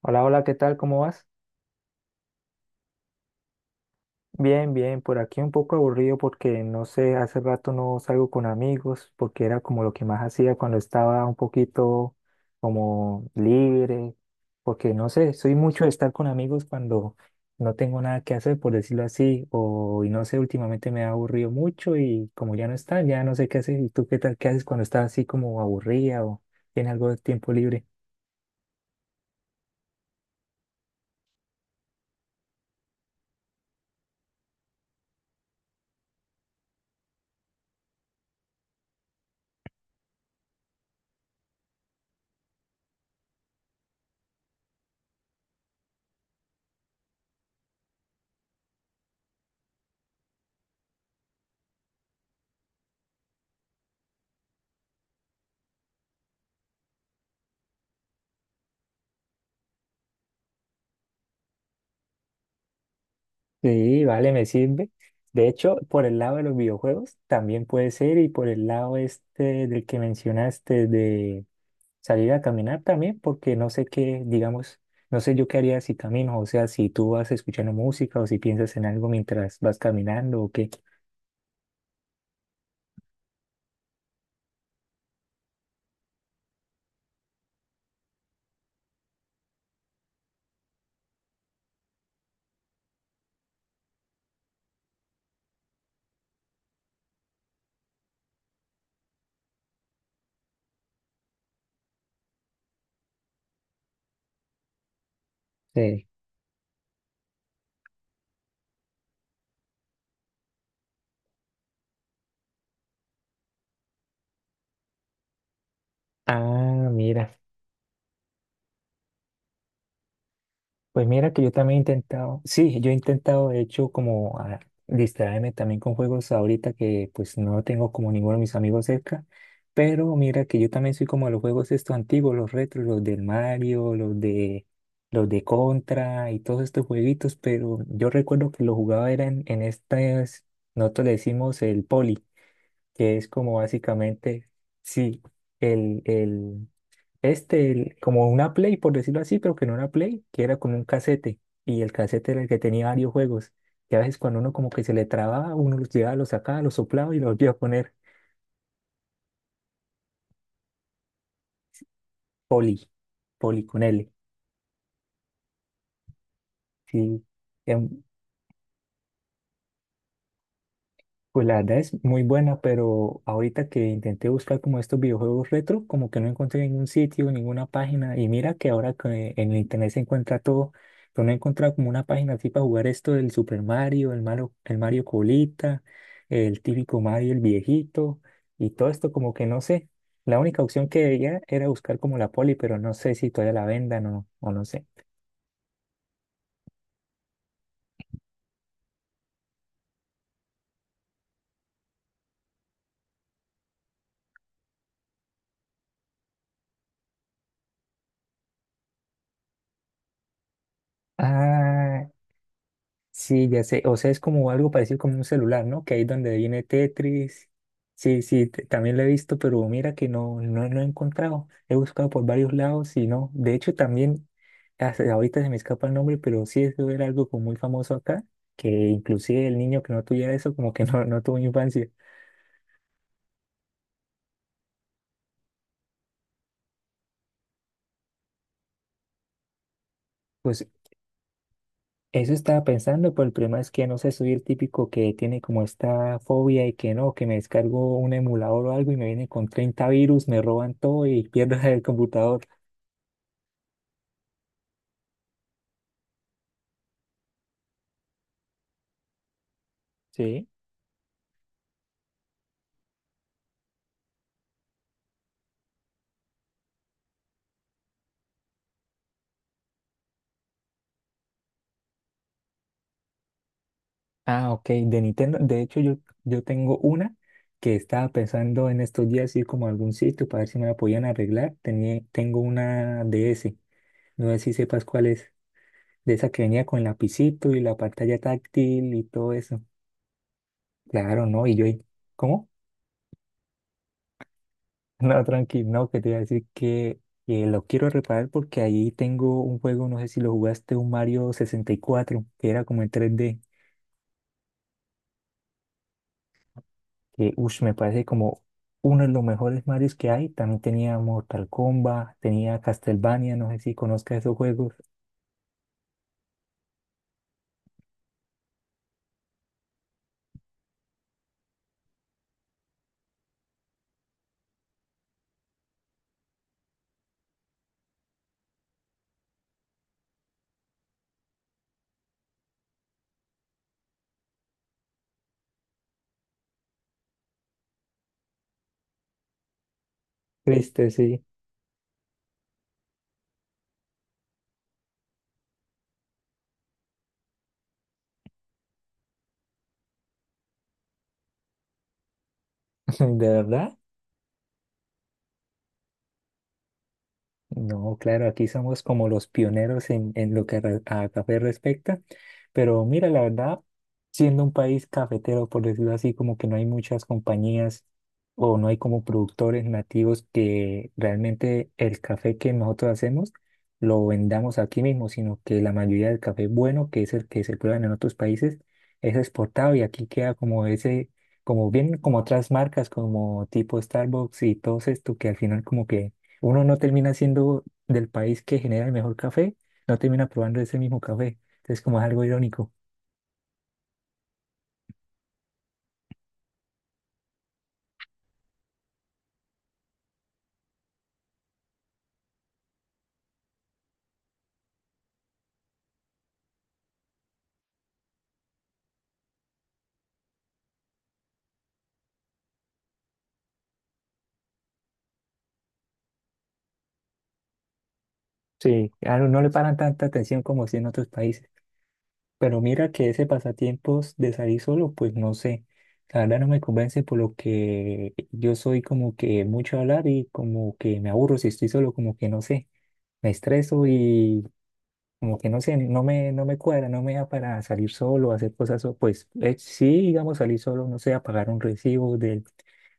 Hola, hola, ¿qué tal? ¿Cómo vas? Bien, bien, por aquí un poco aburrido porque no sé, hace rato no salgo con amigos porque era como lo que más hacía cuando estaba un poquito como libre, porque no sé, soy mucho de estar con amigos cuando no tengo nada que hacer, por decirlo así, o y no sé, últimamente me ha aburrido mucho y como ya no están, ya no sé qué hacer. ¿Y tú qué tal? ¿Qué haces cuando estás así como aburrida o tienes algo de tiempo libre? Sí, vale, me sirve. De hecho, por el lado de los videojuegos también puede ser y por el lado este del que mencionaste de salir a caminar también, porque no sé qué, digamos, no sé yo qué haría si camino, o sea, si tú vas escuchando música o si piensas en algo mientras vas caminando o qué. Sí. Ah, mira. Pues mira que yo también he intentado, sí, yo he intentado de hecho como a distraerme también con juegos ahorita que pues no tengo como ninguno de mis amigos cerca, pero mira que yo también soy como de los juegos estos antiguos, los retros, los del Mario, los de Contra y todos estos jueguitos, pero yo recuerdo que lo jugaba era en estas, nosotros le decimos el poli, que es como básicamente, sí, como una Play, por decirlo así, pero que no era Play, que era como un casete. Y el casete era el que tenía varios juegos. Y a veces cuando uno como que se le trababa, uno los llevaba, los sacaba, los soplaba y los volvía a poner. Poli, Poli con L. Sí, em, pues la verdad es muy buena, pero ahorita que intenté buscar como estos videojuegos retro, como que no encontré ningún sitio, ninguna página. Y mira que ahora que en el internet se encuentra todo, pero no he encontrado como una página así para jugar esto del Super Mario, el Mario, el Mario Colita, el típico Mario, el viejito, y todo esto como que no sé. La única opción que veía era buscar como la Poli, pero no sé si todavía la vendan o no sé. Ah, sí, ya sé. O sea, es como algo parecido como un celular, ¿no? Que ahí donde viene Tetris. Sí, sí, también lo he visto, pero mira que no, no, no he encontrado. He buscado por varios lados y no. De hecho, también, hasta ahorita se me escapa el nombre, pero sí, eso era algo como muy famoso acá, que inclusive el niño que no tuviera eso, como que no, no tuvo infancia. Pues eso estaba pensando, pero el problema es que no sé, soy el típico que tiene como esta fobia y que no, que me descargo un emulador o algo y me viene con 30 virus, me roban todo y pierdo el computador. Sí. Ah, ok, de Nintendo. De hecho, yo, tengo una que estaba pensando en estos días ir como a algún sitio para ver si me la podían arreglar. Tenía, tengo una DS. No sé si sepas cuál es. De esa que venía con lapicito y la pantalla táctil y todo eso. Claro, no. Y yo, ahí, ¿cómo? No, tranquilo, no, que te iba a decir que lo quiero reparar porque ahí tengo un juego, no sé si lo jugaste, un Mario 64 que era como en 3D que ush, me parece como uno de los mejores Marios que hay. También tenía Mortal Kombat, tenía Castlevania, no sé si conozcas esos juegos. Triste, sí, de verdad. No, claro, aquí somos como los pioneros en, en lo que a café respecta, pero mira, la verdad, siendo un país cafetero, por decirlo así, como que no hay muchas compañías o no hay como productores nativos que realmente el café que nosotros hacemos lo vendamos aquí mismo, sino que la mayoría del café bueno, que es el que se prueba en otros países, es exportado y aquí queda como ese, como bien como otras marcas como tipo Starbucks y todos esto que al final como que uno no termina siendo del país que genera el mejor café, no termina probando ese mismo café. Entonces, como es algo irónico. Sí, a uno no le paran tanta atención como si en otros países. Pero mira que ese pasatiempos de salir solo, pues no sé. La verdad no me convence por lo que yo soy como que mucho hablar y como que me aburro si estoy solo, como que no sé. Me estreso y como que no sé, no me cuadra, no me da para salir solo, hacer cosas, pues sí, digamos, salir solo, no sé, a pagar un recibo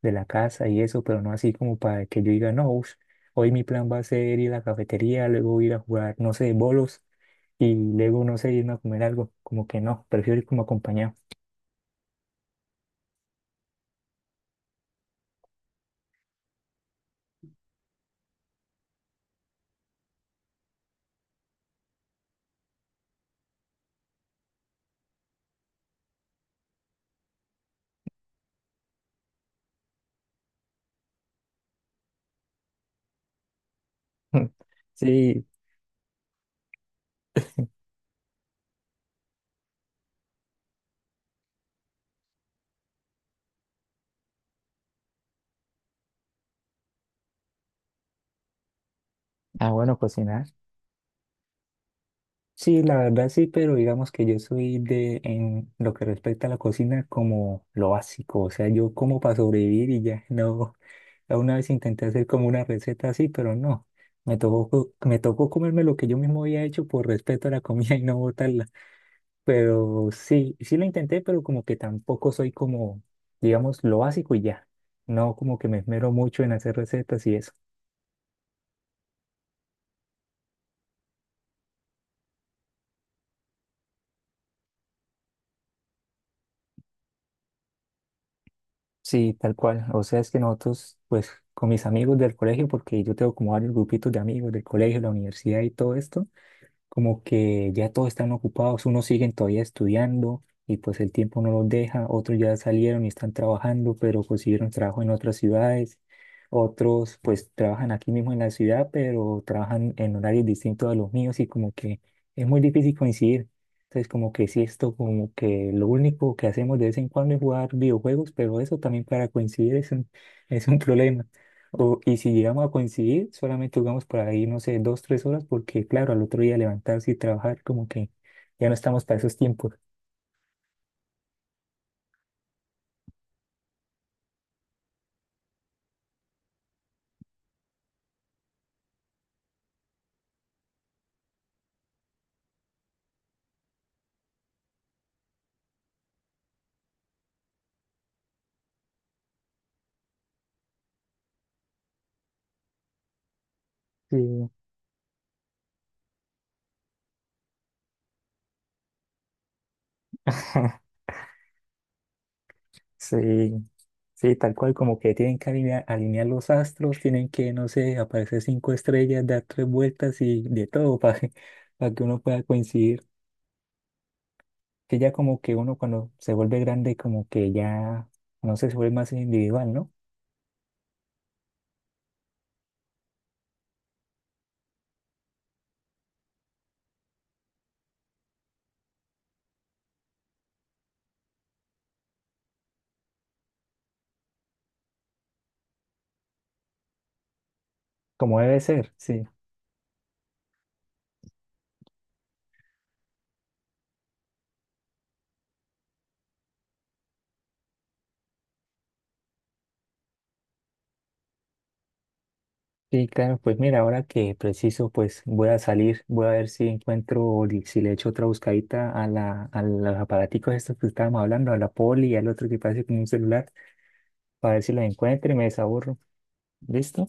de la casa y eso, pero no así como para que yo diga, no, ush, hoy mi plan va a ser ir a la cafetería, luego ir a jugar, no sé, bolos y luego, no sé, irme a comer algo, como que no, prefiero ir como acompañado. Sí, ah, bueno, cocinar. Sí, la verdad sí, pero digamos que yo soy en lo que respecta a la cocina, como lo básico, o sea, yo como para sobrevivir y ya, no, ya una vez intenté hacer como una receta así, pero no. Me tocó, me tocó comerme lo que yo mismo había hecho por respeto a la comida y no botarla. Pero sí, sí lo intenté, pero como que tampoco soy como, digamos, lo básico y ya. No como que me esmero mucho en hacer recetas y eso. Sí, tal cual. O sea, es que nosotros, pues, con mis amigos del colegio, porque yo tengo como varios grupitos de amigos del colegio, la universidad y todo esto, como que ya todos están ocupados, unos siguen todavía estudiando y pues el tiempo no los deja, otros ya salieron y están trabajando, pero consiguieron trabajo en otras ciudades, otros pues trabajan aquí mismo en la ciudad, pero trabajan en horarios distintos a los míos y como que es muy difícil coincidir. Entonces como que sí, esto como que lo único que hacemos de vez en cuando es jugar videojuegos, pero eso también para coincidir es un, problema. O, y si llegamos a coincidir, solamente jugamos por ahí, no sé, 2, 3 horas, porque claro, al otro día levantarse y trabajar, como que ya no estamos para esos tiempos. Sí, sí, sí, tal cual, como que tienen que alinear, alinear los astros, tienen que, no sé, aparecer cinco estrellas, dar tres vueltas y de todo para que uno pueda coincidir. Que ya como que uno cuando se vuelve grande, como que ya, no sé, se vuelve más individual, ¿no? Como debe ser, sí. Sí, claro, pues mira, ahora que preciso, pues voy a salir, voy a ver si encuentro, o si le echo otra buscadita a a los aparaticos estos que estábamos hablando, a la poli y al otro que parece como un celular, para ver si los encuentro y me desaburro. ¿Listo?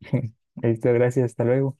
Listo, gracias, hasta luego.